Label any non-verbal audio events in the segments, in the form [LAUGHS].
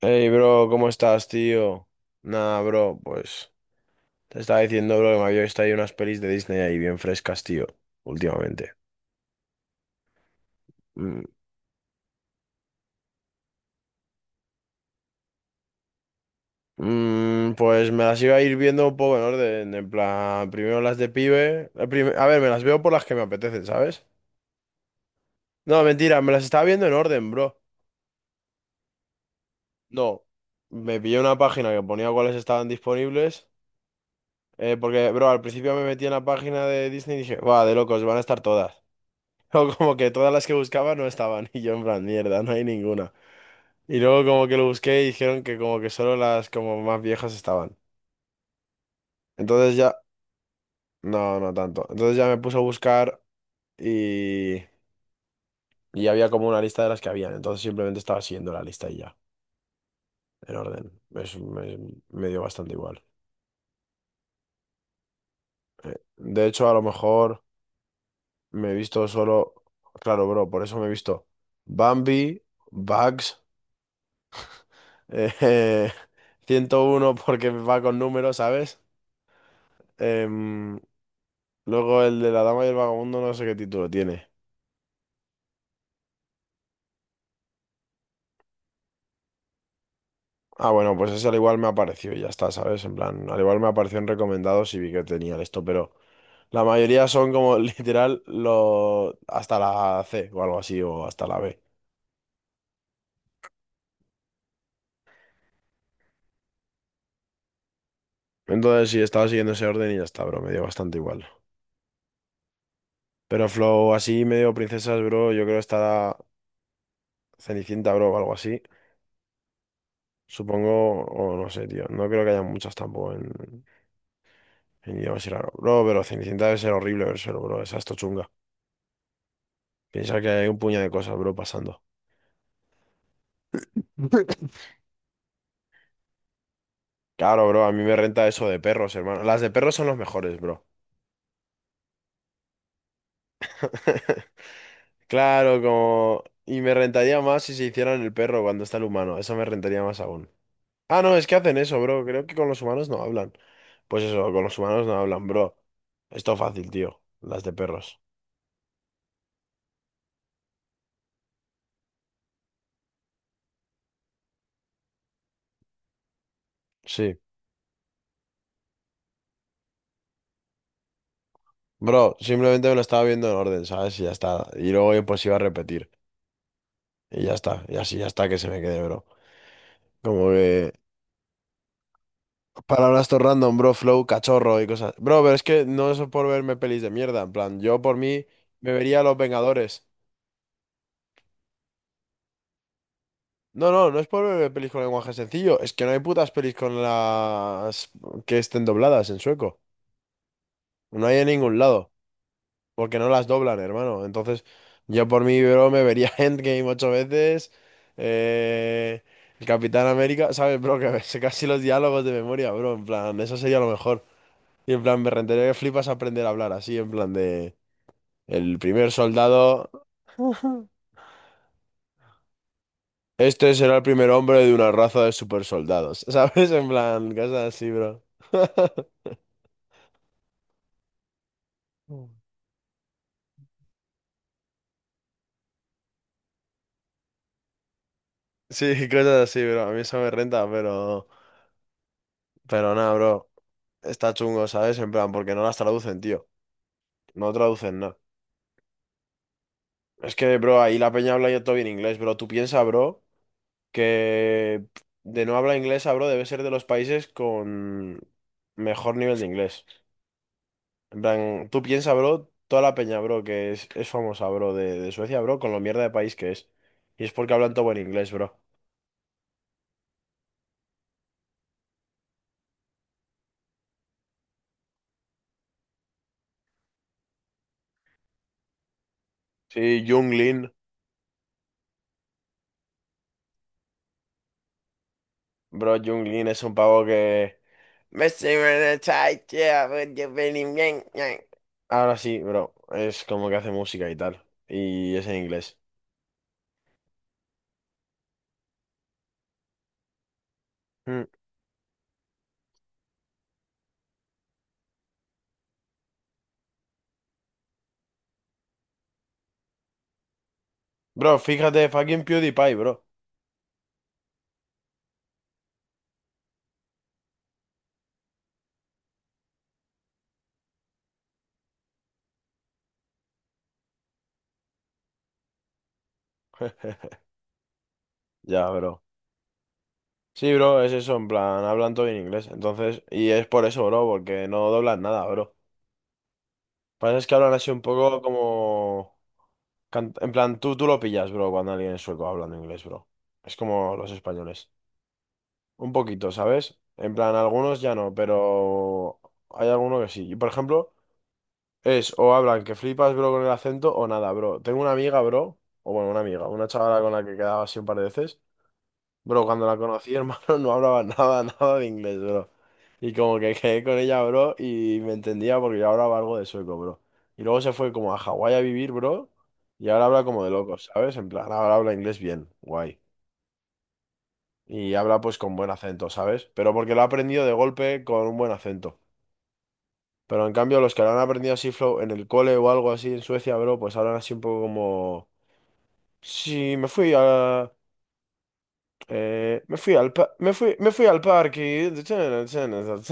Hey, bro, ¿cómo estás, tío? Nada, bro, pues te estaba diciendo, bro, que me había visto ahí unas pelis de Disney ahí bien frescas, tío, últimamente. Mm, pues me las iba a ir viendo un poco en orden, en plan, primero las de pibe. A ver, me las veo por las que me apetecen, ¿sabes? No, mentira, me las estaba viendo en orden, bro. No, me pillé una página que ponía cuáles estaban disponibles, porque, bro, al principio me metí en la página de Disney y dije, va, de locos, van a estar todas. [LAUGHS] O como que todas las que buscaba no estaban y yo en plan, mierda, no hay ninguna. Y luego como que lo busqué y dijeron que como que solo las como más viejas estaban. Entonces ya, no, no tanto. Entonces ya me puse a buscar y, y había como una lista de las que habían. Entonces simplemente estaba siguiendo la lista y ya, en orden. Me dio bastante igual. De hecho, a lo mejor me he visto solo, claro, bro, por eso me he visto Bambi, Bugs, eh, [LAUGHS] 101 porque va con números, ¿sabes? Em, Luego el de la dama y el vagabundo, no sé qué título tiene. Ah, bueno, pues ese al igual me apareció y ya está, ¿sabes? En plan, al igual me apareció en recomendados y vi que tenía esto, pero la mayoría son como [LAUGHS] literal lo hasta la C o algo así, o hasta la B. Entonces sí, estaba siguiendo ese orden y ya está, bro, me dio bastante igual. Pero Flow así medio princesas, bro, yo creo que estará Cenicienta, bro, o algo así. Supongo, o no sé, tío. No creo que haya muchas tampoco en idiomas y raro. Bro, pero Cenicienta debe ser horrible ver solo, bro, esa esto chunga. Piensa que hay un puño de cosas, bro, pasando. Claro, bro, a mí me renta eso de perros, hermano. Las de perros son los mejores, bro. [LAUGHS] Claro, como. Y me rentaría más si se hicieran el perro cuando está el humano. Eso me rentaría más aún. Ah, no, es que hacen eso, bro. Creo que con los humanos no hablan. Pues eso, con los humanos no hablan, bro. Esto fácil, tío. Las de perros. Sí. Bro, simplemente me lo estaba viendo en orden, ¿sabes? Y ya está. Y luego pues iba a repetir. Y ya está. Y así ya está que se me quede, bro. Como que. Palabras todo random, bro, flow, cachorro y cosas. Bro, pero es que no es por verme pelis de mierda. En plan, yo por mí me vería Los Vengadores. No, no, no es por verme pelis con lenguaje sencillo. Es que no hay putas pelis con las que estén dobladas en sueco. No hay en ningún lado. Porque no las doblan, hermano. Entonces, yo por mí, bro, me vería [LAUGHS] Endgame ocho veces. Eh. El Capitán América, ¿sabes, bro? Que me sé casi los diálogos de memoria, bro. En plan, eso sería lo mejor. Y en plan, me rentaría que flipas aprender a hablar así, en plan de. El primer soldado. [LAUGHS] Este será el primer hombre de una raza de supersoldados. [LAUGHS] ¿Sabes? En plan, cosas así, bro. [LAUGHS] Sí, cosas así, bro. A mí eso me renta, pero. Pero nada, bro. Está chungo, ¿sabes? En plan, porque no las traducen, tío. No traducen nada. Es que, bro, ahí la peña habla ya todo bien inglés, bro. Tú piensas, bro, que de no habla inglesa, bro, debe ser de los países con mejor nivel de inglés. En plan, tú piensas, bro, toda la peña, bro, que es famosa, bro, de Suecia, bro, con lo mierda de país que es. Y es porque hablan todo buen inglés, bro. Sí, Jung Lin. Bro, Jung Lin es un pavo que. Ahora sí, bro, es como que hace música y tal. Y es en inglés. Mm. Bro, fíjate, fucking PewDiePie, bro. Ya, bro. Sí, bro, es eso, en plan, hablan todo en inglés. Entonces, y es por eso, bro, porque no doblan nada, bro. Pasa es que hablan así un poco como. En plan, tú lo pillas, bro, cuando alguien es sueco hablando inglés, bro. Es como los españoles. Un poquito, ¿sabes? En plan, algunos ya no, pero hay alguno que sí. Y por ejemplo, es o hablan que flipas, bro, con el acento o nada, bro. Tengo una amiga, bro, o bueno, una amiga, una chavala con la que quedaba así un par de veces. Bro, cuando la conocí, hermano, [LAUGHS] no hablaba nada, nada de inglés, bro. Y como que quedé con ella, bro, y me entendía porque yo hablaba algo de sueco, bro. Y luego se fue como a Hawái a vivir, bro, y ahora habla como de locos, ¿sabes? En plan, ahora habla inglés bien, guay. Y habla pues con buen acento, ¿sabes? Pero porque lo ha aprendido de golpe con un buen acento. Pero en cambio, los que lo han aprendido así flow en el cole o algo así en Suecia, bro, pues hablan así un poco como. Sí, me fui a. Me fui al parque, ¿sabes?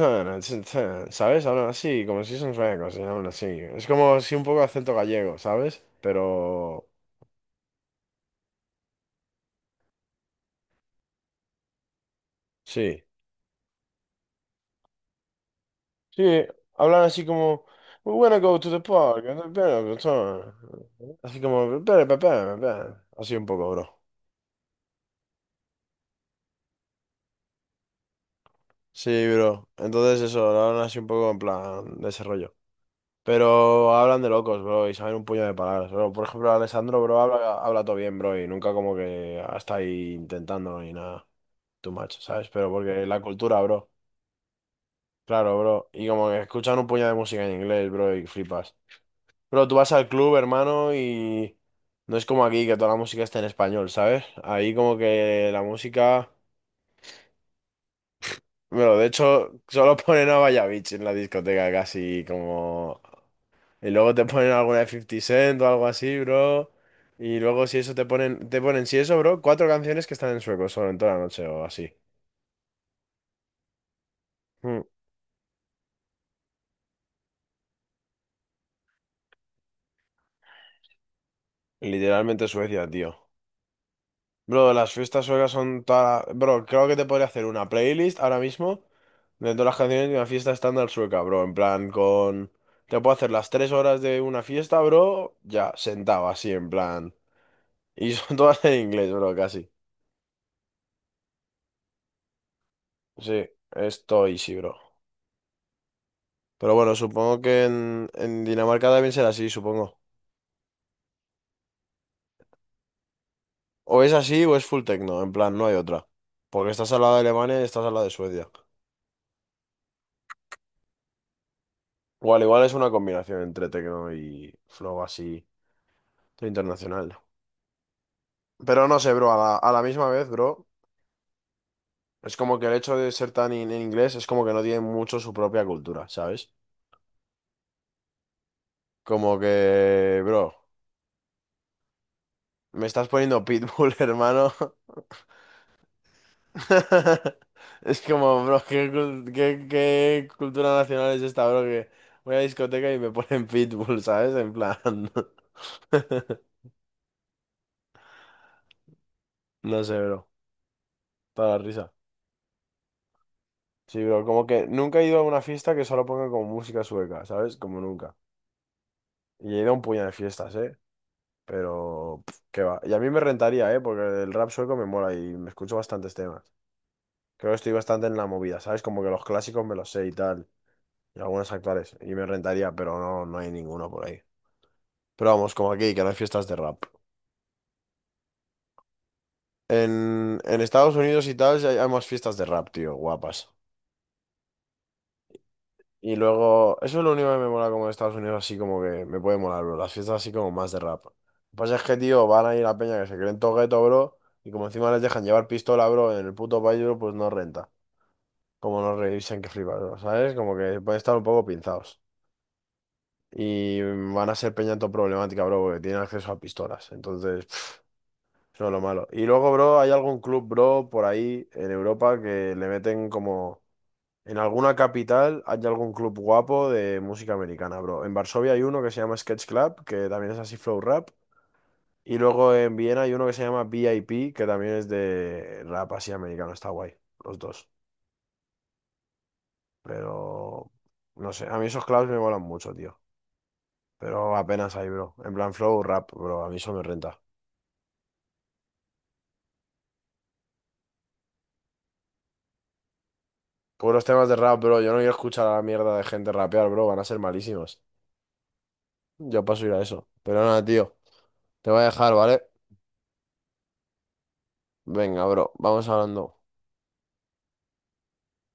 Hablan así, como si son suecos, y hablan así. Es como si un poco acento gallego, ¿sabes? Pero sí, sí, hablan así como We wanna go to the park. Así como así un poco, bro. Sí, bro. Entonces eso, hablan así un poco en plan desarrollo. Pero hablan de locos, bro, y saben un puño de palabras, bro. Por ejemplo, Alessandro, bro, habla, habla todo bien, bro, y nunca como que está ahí intentando ni nada. Too much, ¿sabes? Pero porque la cultura, bro. Claro, bro. Y como que escuchan un puño de música en inglés, bro, y flipas. Bro, tú vas al club, hermano, y no es como aquí que toda la música está en español, ¿sabes? Ahí como que la música. Bueno, de hecho, [LAUGHS] solo ponen a Vallabich en la discoteca casi como Y luego te ponen alguna de 50 Cent o algo así, bro. Y luego si eso te ponen, si eso, bro, cuatro canciones que están en sueco solo en toda la noche o así. Mm. Literalmente Suecia, tío. Bro, las fiestas suecas son toda Bro, creo que te podría hacer una playlist ahora mismo de todas las canciones de una fiesta estándar sueca, bro. En plan, con. Te puedo hacer las tres horas de una fiesta, bro, ya, sentado así, en plan. Y son [LAUGHS] todas en inglés, bro, casi. Sí, esto easy, bro. Pero bueno, supongo que en Dinamarca también será así, supongo. O es así o es full techno, en plan, no hay otra. Porque estás al lado de Alemania y estás al lado de Suecia. Igual, igual es una combinación entre techno y flow así internacional. Pero no sé, bro, a la misma vez, bro, es como que el hecho de ser tan en inglés es como que no tiene mucho su propia cultura, ¿sabes? Como que, bro, me estás poniendo Pitbull, [LAUGHS] hermano. [LAUGHS] Es como, bro, ¿qué cultura nacional es esta, bro? Que voy a la discoteca y me ponen Pitbull, ¿sabes? En plan. [LAUGHS] No sé, bro. Para la risa. Sí, bro, como que nunca he ido a una fiesta que solo ponga como música sueca, ¿sabes? Como nunca. Y he ido a un puñado de fiestas, ¿eh? Pero, pf, qué va. Y a mí me rentaría, ¿eh? Porque el rap sueco me mola y me escucho bastantes temas. Creo que estoy bastante en la movida, ¿sabes? Como que los clásicos me los sé y tal. Y algunos actuales. Y me rentaría, pero no, no hay ninguno por ahí. Pero vamos, como aquí, que no hay fiestas de rap. En Estados Unidos y tal, sí hay más fiestas de rap, tío, guapas. Y luego, eso es lo único que me mola como de Estados Unidos, así como que me puede molar, bro. Las fiestas así como más de rap. Lo que pasa es que, tío, van a ir la peña que se creen todo gueto, bro. Y como encima les dejan llevar pistola, bro, en el puto país, bro, pues no renta. Como no revisan que flipas, bro, ¿sabes? Como que pueden estar un poco pinzados. Y van a ser peña todo problemática, bro, porque tienen acceso a pistolas. Entonces, pff, eso es lo malo. Y luego, bro, hay algún club, bro, por ahí en Europa que le meten como. En alguna capital hay algún club guapo de música americana, bro. En Varsovia hay uno que se llama Sketch Club, que también es así flow rap. Y luego en Viena hay uno que se llama VIP, que también es de rap así americano. Está guay, los dos. Pero. No sé, a mí esos clubs me molan mucho, tío. Pero apenas hay, bro. En plan flow rap, bro. A mí eso me renta. Puros temas de rap, bro. Yo no quiero escuchar a la mierda de gente rapear, bro. Van a ser malísimos. Yo paso a ir a eso. Pero nada, tío. Te voy a dejar, ¿vale? Venga, bro. Vamos hablando.